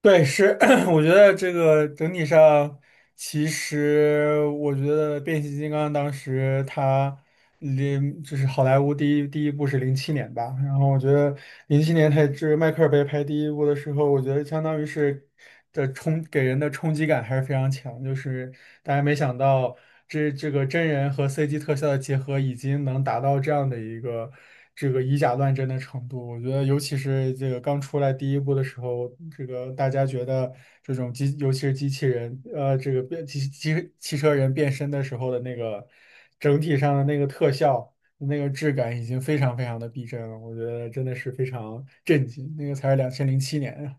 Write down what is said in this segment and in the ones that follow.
对，是，我觉得这个整体上，其实我觉得变形金刚当时它就是好莱坞第一部是零七年吧，然后我觉得零七年它这迈克尔贝拍第一部的时候，我觉得相当于是的冲给人的冲击感还是非常强，就是大家没想到这个真人和 CG 特效的结合已经能达到这样的一个。这个以假乱真的程度。我觉得，尤其是这个刚出来第一部的时候，这个大家觉得这种机，尤其是机器人，这个变机机汽车人变身的时候的那个整体上的那个特效、那个质感，已经非常非常的逼真了。我觉得真的是非常震惊。那个才是2007年啊。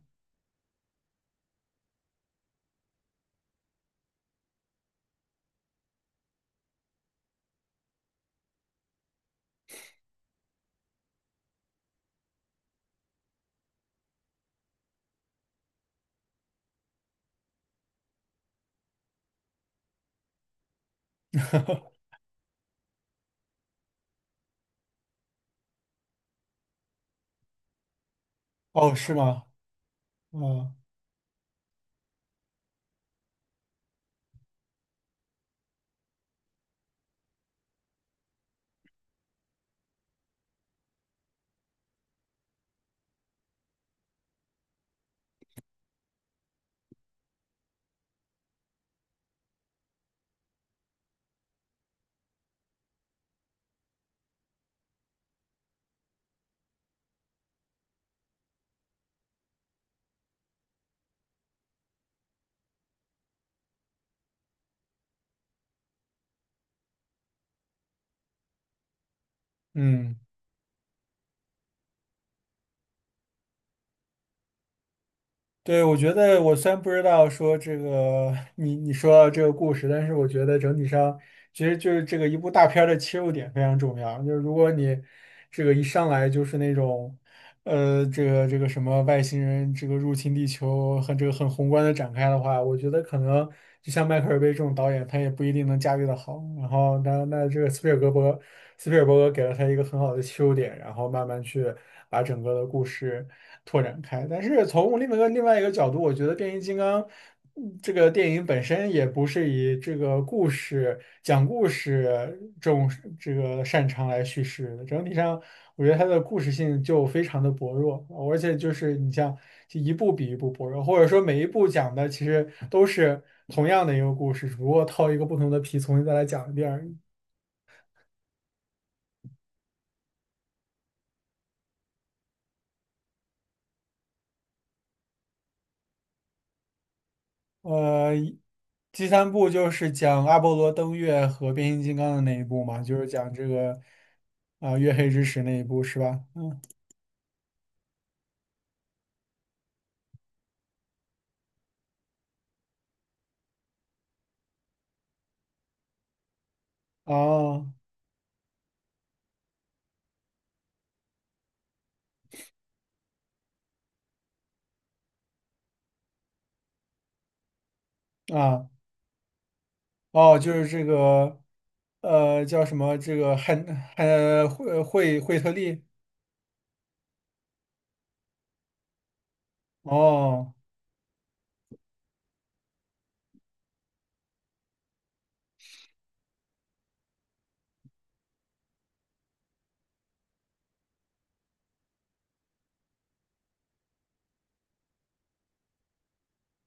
哦，是吗？嗯嗯。对，我觉得我虽然不知道说这个 你说到这个故事，但是我觉得整体上其实就是这个一部大片儿的切入点非常重要。就是如果你这个一上来就是那种这个什么外星人这个入侵地球和这个很宏观的展开的话，我觉得可能就像迈克尔贝这种导演，他也不一定能驾驭的好。然后那这个斯皮尔伯格给了他一个很好的切入点，然后慢慢去把整个的故事。拓展开。但是从另外一个角度，我觉得变形金刚，这个电影本身也不是以这个故事讲故事这个擅长来叙事的。整体上，我觉得它的故事性就非常的薄弱，而且就是你像就一部比一部薄弱，或者说每一部讲的其实都是同样的一个故事，只不过套一个不同的皮重新再来讲一遍而已。呃，第三部就是讲阿波罗登月和变形金刚的那一部嘛，就是讲这个啊、月黑之时那一部是吧？嗯。哦。啊。哦。就是这个叫什么这个惠特利。哦。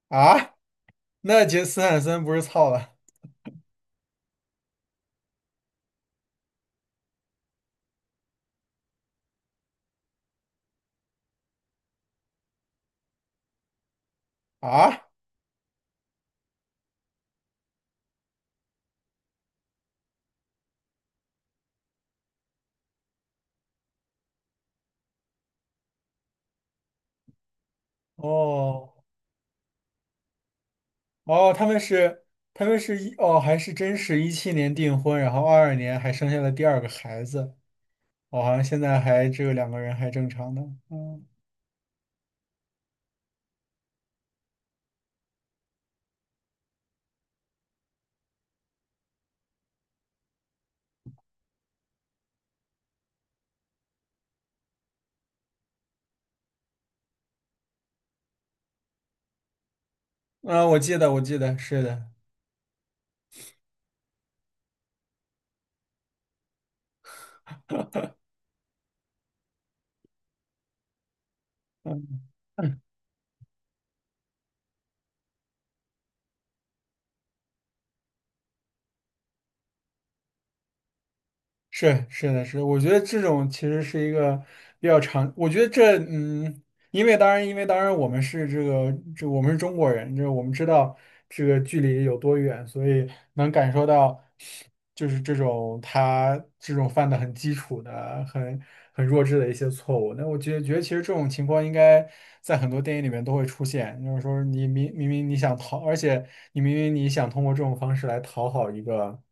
啊。那杰斯坦森不是操了啊？哦。哦。他们是他们是一哦，还是真是17年订婚，然后22年还生下了第二个孩子。我好像现在还只有两个人还正常的，嗯。啊，我记得，我记得，是的。是的，我觉得这种其实是一个比较常，我觉得因为当然，我们是这个这我们是中国人，这我们知道这个距离有多远，所以能感受到就是这种他这种犯的很基础的、很弱智的一些错误。那我觉得其实这种情况应该在很多电影里面都会出现，就是说你明你想讨，而且你明明你想通过这种方式来讨好一个。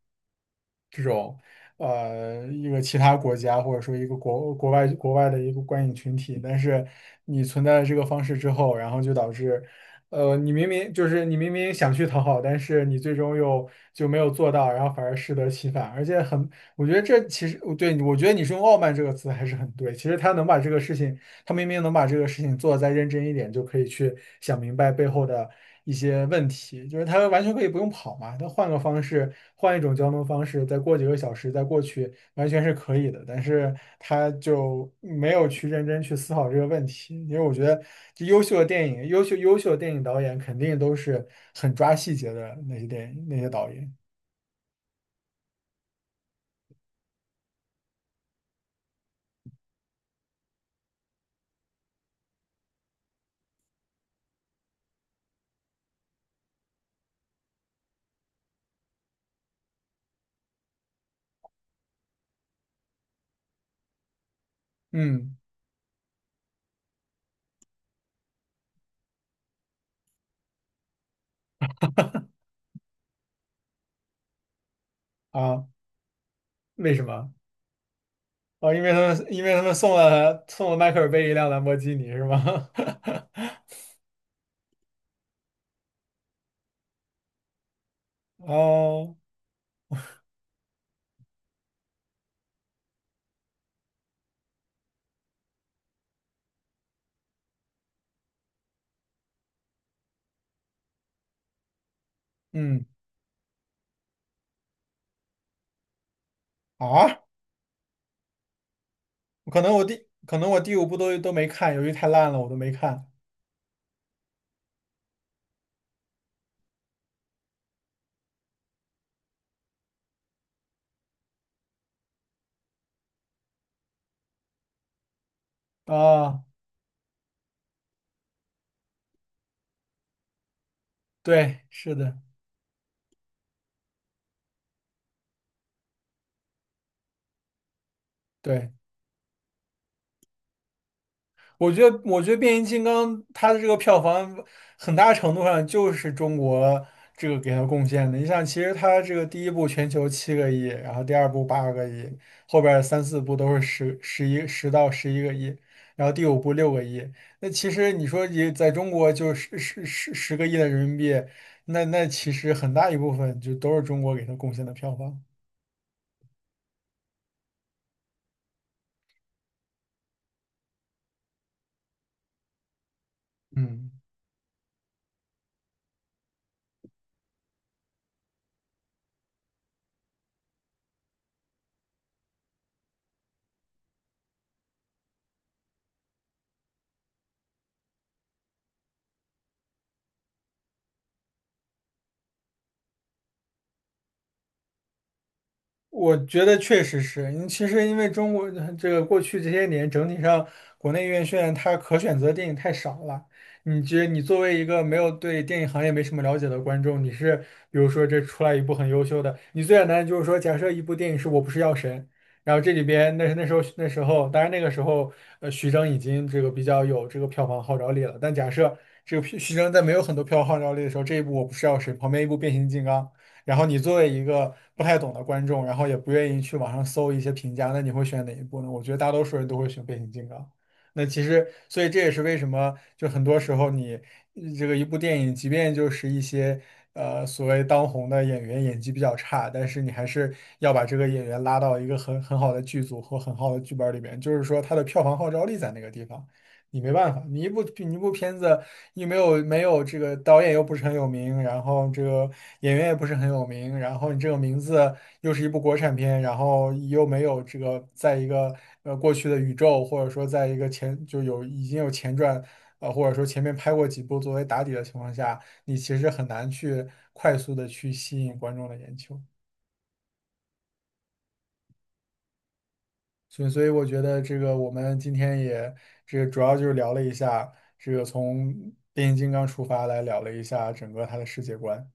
一个其他国家或者说一个国外的一个观影群体，但是你存在了这个方式之后，然后就导致，你明明就是你明明想去讨好，但是你最终又就没有做到，然后反而适得其反，而且很，我觉得这其实对，我觉得你是用傲慢这个词还是很对，其实他能把这个事情。他明明能把这个事情做得再认真一点，就可以去想明白背后的一些问题。就是他完全可以不用跑嘛，他换个方式，换一种交通方式，再过几个小时再过去，完全是可以的。但是他就没有去认真去思考这个问题，因为我觉得这优秀的电影，优秀的电影导演肯定都是很抓细节的那些电影那些导演。嗯。啊，为什么？哦，因为他们送了迈克尔贝一辆兰博基尼是吗？哦。嗯。啊。可能我第五部都没看，由于太烂了，我都没看啊。对，是的，对。我觉得变形金刚它的这个票房很大程度上就是中国这个给它贡献的。你想，其实它这个第一部全球7亿，然后第二部8亿，后边儿三四部都是10到11亿，然后第五部6亿。那其实你说你在中国就是10亿的人民币，那其实很大一部分就都是中国给它贡献的票房。嗯。我觉得确实是，其实因为中国这个过去这些年整体上国内院线它可选择电影太少了。你作为一个没有对电影行业没什么了解的观众，你是比如说这出来一部很优秀的，你最简单的就是说，假设一部电影是我不是药神，然后这里边那时候，当然那个时候徐峥已经这个比较有这个票房号召力了，但假设这个峥在没有很多票房号召力的时候，这一部我不是药神，旁边一部变形金刚。然后你作为一个不太懂的观众，然后也不愿意去网上搜一些评价，那你会选哪一部呢？我觉得大多数人都会选变形金刚。那其实，所以这也是为什么，就很多时候你这个一部电影，即便就是一些所谓当红的演员演技比较差，但是你还是要把这个演员拉到一个很好的剧组或很好的剧本里边，就是说他的票房号召力在那个地方。你没办法，你一部片子你没有这个导演又不是很有名，然后这个演员也不是很有名，然后你这个名字又是一部国产片，然后又没有这个在一个过去的宇宙，或者说在一个前就有已经有前传，或者说前面拍过几部作为打底的情况下，你其实很难去快速的去吸引观众的眼球。所以我觉得这个我们今天也这个主要就是聊了一下这个从变形金刚出发来聊了一下整个它的世界观。